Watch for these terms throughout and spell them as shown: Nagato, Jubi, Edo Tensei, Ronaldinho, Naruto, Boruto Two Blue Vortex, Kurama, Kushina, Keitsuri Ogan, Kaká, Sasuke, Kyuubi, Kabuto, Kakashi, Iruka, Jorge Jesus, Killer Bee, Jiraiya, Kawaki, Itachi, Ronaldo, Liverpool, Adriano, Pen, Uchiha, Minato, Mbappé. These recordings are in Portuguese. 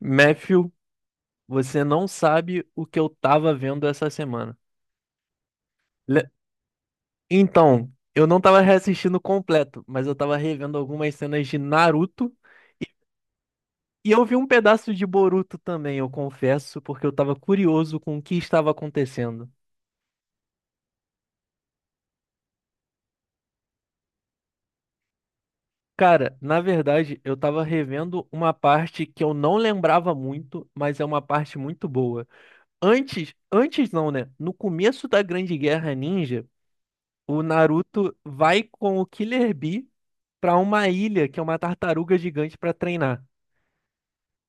Matthew, você não sabe o que eu tava vendo essa semana. Le- Então, eu não tava reassistindo completo, mas eu tava revendo algumas cenas de Naruto e eu vi um pedaço de Boruto também, eu confesso, porque eu tava curioso com o que estava acontecendo. Cara, na verdade, eu tava revendo uma parte que eu não lembrava muito, mas é uma parte muito boa. Antes não, né? No começo da Grande Guerra Ninja, o Naruto vai com o Killer Bee pra uma ilha que é uma tartaruga gigante pra treinar.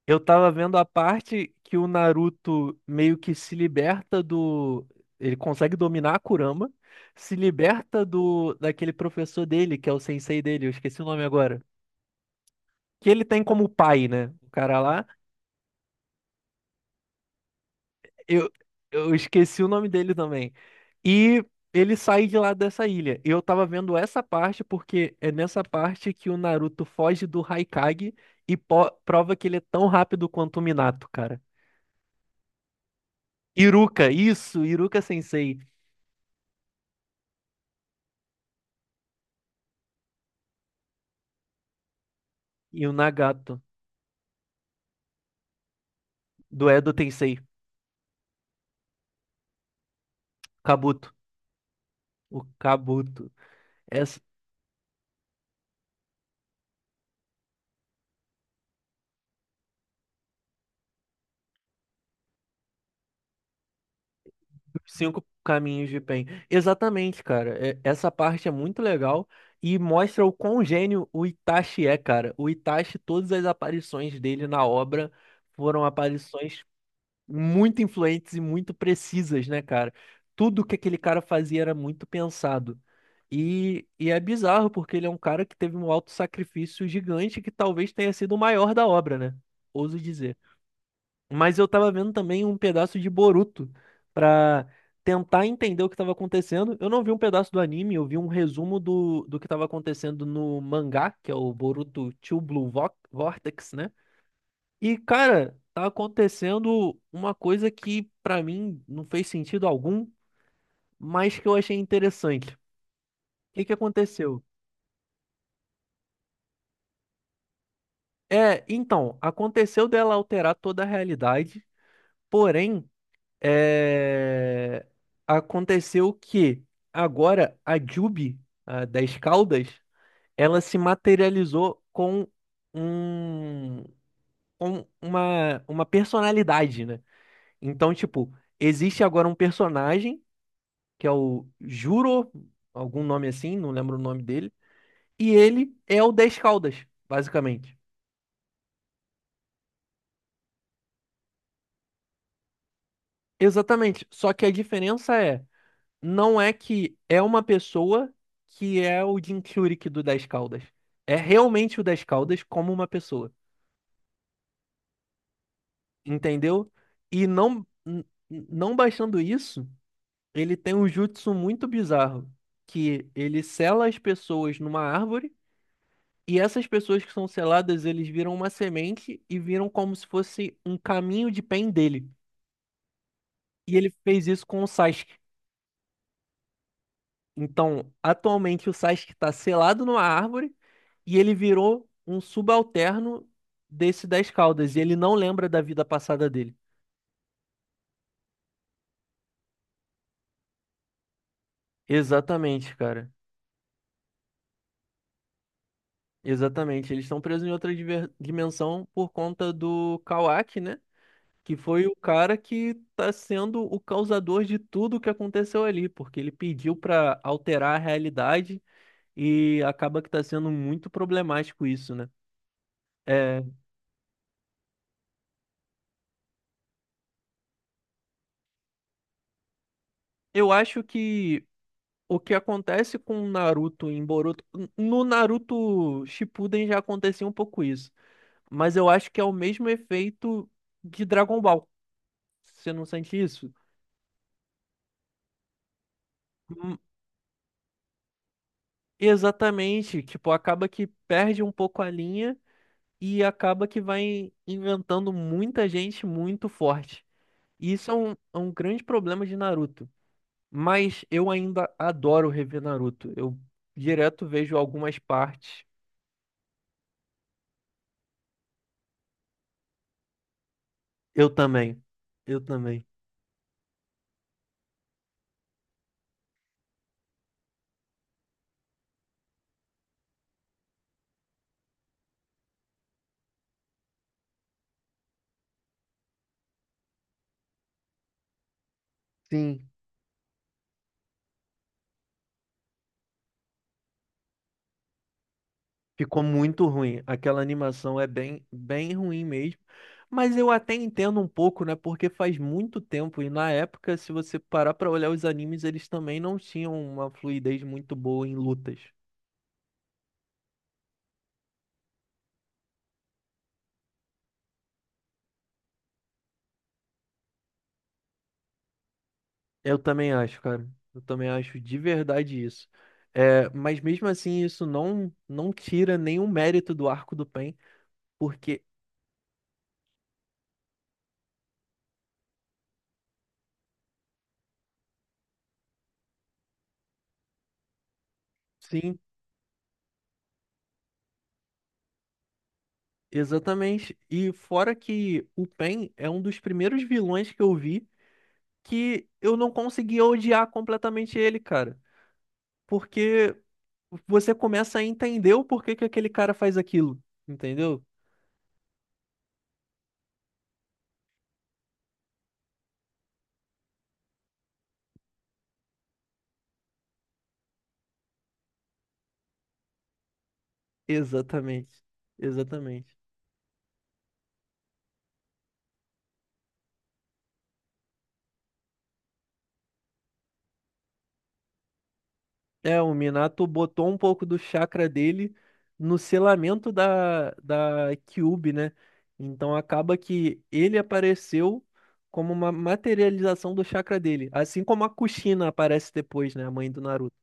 Eu tava vendo a parte que o Naruto meio que se liberta do. Ele consegue dominar a Kurama, se liberta do daquele professor dele, que é o sensei dele, eu esqueci o nome agora. Que ele tem como pai, né? O cara lá. Eu, eu esqueci o nome dele também. E ele sai de lá dessa ilha. E eu tava vendo essa parte porque é nessa parte que o Naruto foge do Haikage e prova que ele é tão rápido quanto o Minato, cara. Iruka, isso, Iruka Sensei. E o Nagato, do Edo Tensei, Kabuto. O Kabuto. É, cinco caminhos de bem. Exatamente, cara. Essa parte é muito legal e mostra o quão gênio o Itachi é, cara. O Itachi, todas as aparições dele na obra foram aparições muito influentes e muito precisas, né, cara? Tudo que aquele cara fazia era muito pensado. E é bizarro, porque ele é um cara que teve um auto sacrifício gigante que talvez tenha sido o maior da obra, né? Ouso dizer. Mas eu tava vendo também um pedaço de Boruto pra tentar entender o que tava acontecendo. Eu não vi um pedaço do anime, eu vi um resumo do que tava acontecendo no mangá, que é o Boruto Two Blue Vortex, né? E, cara, tá acontecendo uma coisa que pra mim não fez sentido algum, mas que eu achei interessante. O que que aconteceu? É, então, aconteceu dela alterar toda a realidade, porém. É, aconteceu que agora a Jubi, a das Caldas, ela se materializou com um, com uma personalidade, né? Então, tipo, existe agora um personagem, que é o Juro, algum nome assim, não lembro o nome dele, e ele é o das Caldas, basicamente. Exatamente. Só que a diferença é. Não é que é uma pessoa que é o Jim do Das Caldas. É realmente o Das Caldas como uma pessoa, entendeu? E não não baixando isso, ele tem um jutsu muito bizarro, que ele sela as pessoas numa árvore e essas pessoas que são seladas, eles viram uma semente e viram como se fosse um caminho de pen dele. E ele fez isso com o Sasuke. Então, atualmente o Sasuke está selado numa árvore e ele virou um subalterno desse das Caudas. E ele não lembra da vida passada dele. Exatamente, cara. Exatamente. Eles estão presos em outra dimensão por conta do Kawaki, né? Que foi o cara que tá sendo o causador de tudo o que aconteceu ali, porque ele pediu pra alterar a realidade e acaba que tá sendo muito problemático isso, né? É, eu acho que o que acontece com o Naruto em Boruto, no Naruto Shippuden já acontecia um pouco isso, mas eu acho que é o mesmo efeito de Dragon Ball. Você não sente isso? Hum, exatamente, tipo, acaba que perde um pouco a linha e acaba que vai inventando muita gente muito forte. E isso é é um grande problema de Naruto. Mas eu ainda adoro rever Naruto. Eu direto vejo algumas partes. Eu também. Eu também. Sim. Ficou muito ruim. Aquela animação é bem ruim mesmo. Mas eu até entendo um pouco, né? Porque faz muito tempo e na época, se você parar pra olhar os animes, eles também não tinham uma fluidez muito boa em lutas. Eu também acho, cara. Eu também acho de verdade isso. É, mas mesmo assim, isso não tira nenhum mérito do arco do Pen, porque sim, exatamente. E fora que o Pen é um dos primeiros vilões que eu vi que eu não conseguia odiar completamente ele, cara. Porque você começa a entender o porquê que aquele cara faz aquilo, entendeu? Exatamente. Exatamente. É, o Minato botou um pouco do chakra dele no selamento da Kyuubi, né? Então acaba que ele apareceu como uma materialização do chakra dele, assim como a Kushina aparece depois, né, a mãe do Naruto.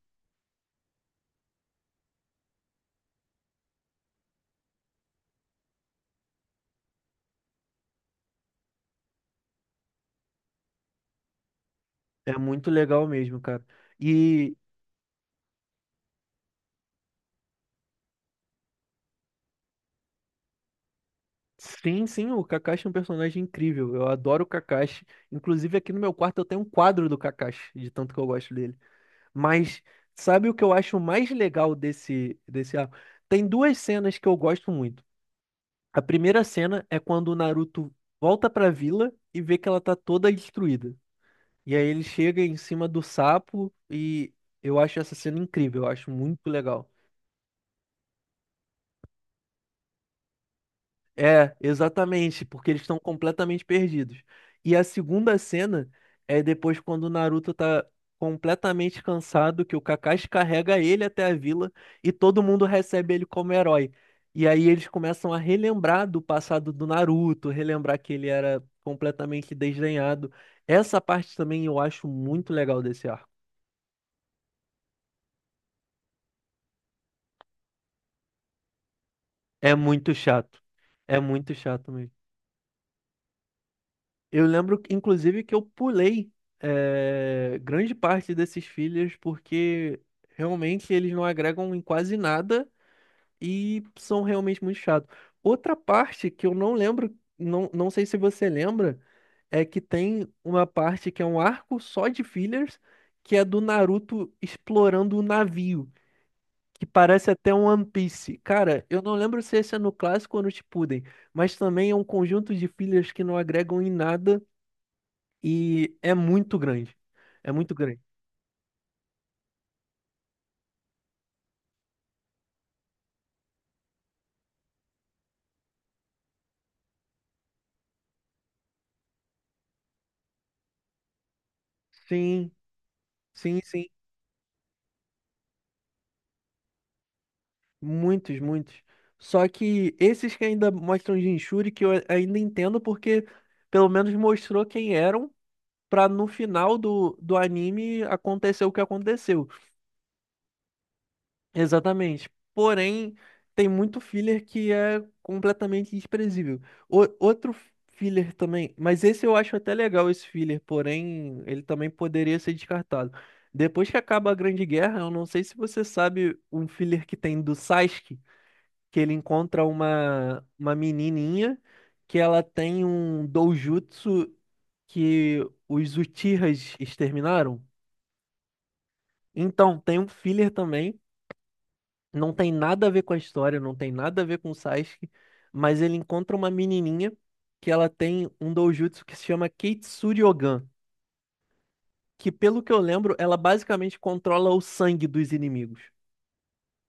É muito legal mesmo, cara. E sim, sim, o Kakashi é um personagem incrível. Eu adoro o Kakashi. Inclusive, aqui no meu quarto eu tenho um quadro do Kakashi, de tanto que eu gosto dele. Mas sabe o que eu acho mais legal desse arco? Tem duas cenas que eu gosto muito. A primeira cena é quando o Naruto volta pra vila e vê que ela tá toda destruída. E aí ele chega em cima do sapo e eu acho essa cena incrível, eu acho muito legal. É, exatamente, porque eles estão completamente perdidos. E a segunda cena é depois quando o Naruto tá completamente cansado, que o Kakashi carrega ele até a vila e todo mundo recebe ele como herói. E aí eles começam a relembrar do passado do Naruto, relembrar que ele era completamente desdenhado. Essa parte também eu acho muito legal desse arco. É muito chato. É muito chato mesmo. Eu lembro, inclusive, que eu pulei grande parte desses fillers porque realmente eles não agregam em quase nada e são realmente muito chatos. Outra parte que eu não lembro, não sei se você lembra, é que tem uma parte que é um arco só de fillers, que é do Naruto explorando o navio, que parece até um One Piece. Cara, eu não lembro se esse é no clássico ou no Shippuden, mas também é um conjunto de fillers que não agregam em nada e é muito grande. É muito grande. Sim, sim, sim. Muitos, muitos. Só que esses que ainda mostram Jinchuri, que eu ainda entendo, porque pelo menos mostrou quem eram, pra no final do anime acontecer o que aconteceu. Exatamente. Porém, tem muito filler que é completamente desprezível. Outro filler também, mas esse eu acho até legal esse filler, porém, ele também poderia ser descartado. Depois que acaba a Grande Guerra, eu não sei se você sabe um filler que tem do Sasuke, que ele encontra uma menininha que ela tem um doujutsu que os Uchihas exterminaram. Então, tem um filler também. Não tem nada a ver com a história, não tem nada a ver com o Sasuke, mas ele encontra uma menininha que ela tem um doujutsu que se chama Keitsuri Ogan, que pelo que eu lembro, ela basicamente controla o sangue dos inimigos.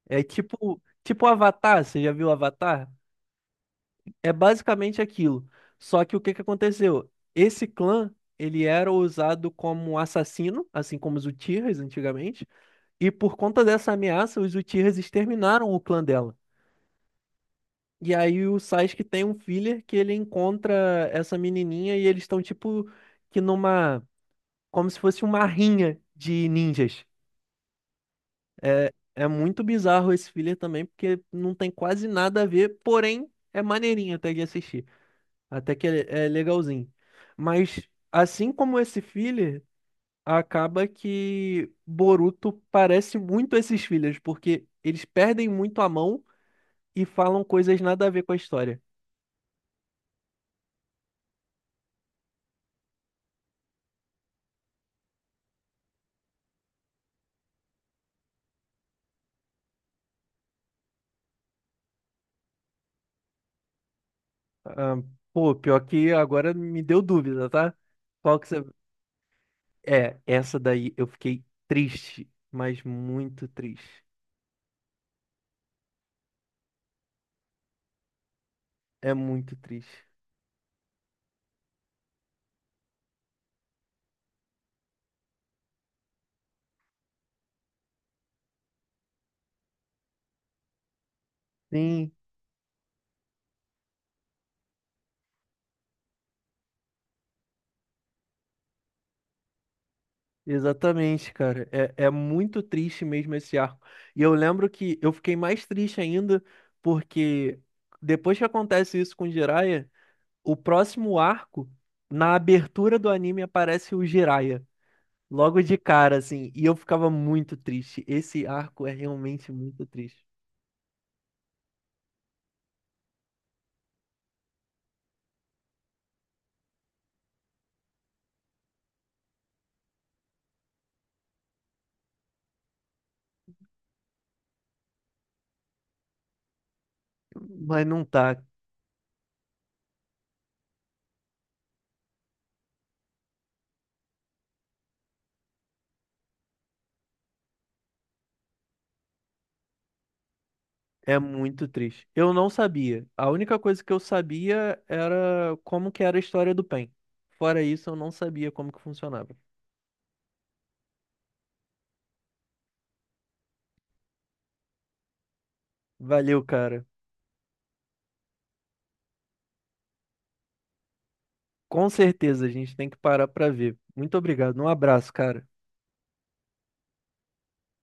É tipo Avatar, você já viu Avatar? É basicamente aquilo. Só que o que que aconteceu? Esse clã, ele era usado como assassino, assim como os Uchihas antigamente, e por conta dessa ameaça, os Uchihas exterminaram o clã dela. E aí o Sasuke tem um filler que ele encontra essa menininha e eles estão tipo que numa como se fosse uma rinha de ninjas. É muito bizarro esse filler também porque não tem quase nada a ver, porém é maneirinho até de assistir, até que é legalzinho. Mas assim como esse filler, acaba que Boruto parece muito esses fillers porque eles perdem muito a mão e falam coisas nada a ver com a história. Ah, pô, pior que agora me deu dúvida, tá? Qual que você. É, essa daí eu fiquei triste, mas muito triste. É muito triste. Sim, exatamente, cara. É, é muito triste mesmo esse arco. E eu lembro que eu fiquei mais triste ainda porque depois que acontece isso com o Jiraiya, o próximo arco, na abertura do anime, aparece o Jiraiya. Logo de cara, assim. E eu ficava muito triste. Esse arco é realmente muito triste. Mas não tá. É muito triste. Eu não sabia. A única coisa que eu sabia era como que era a história do PEN. Fora isso, eu não sabia como que funcionava. Valeu, cara. Com certeza a gente tem que parar pra ver. Muito obrigado. Um abraço, cara.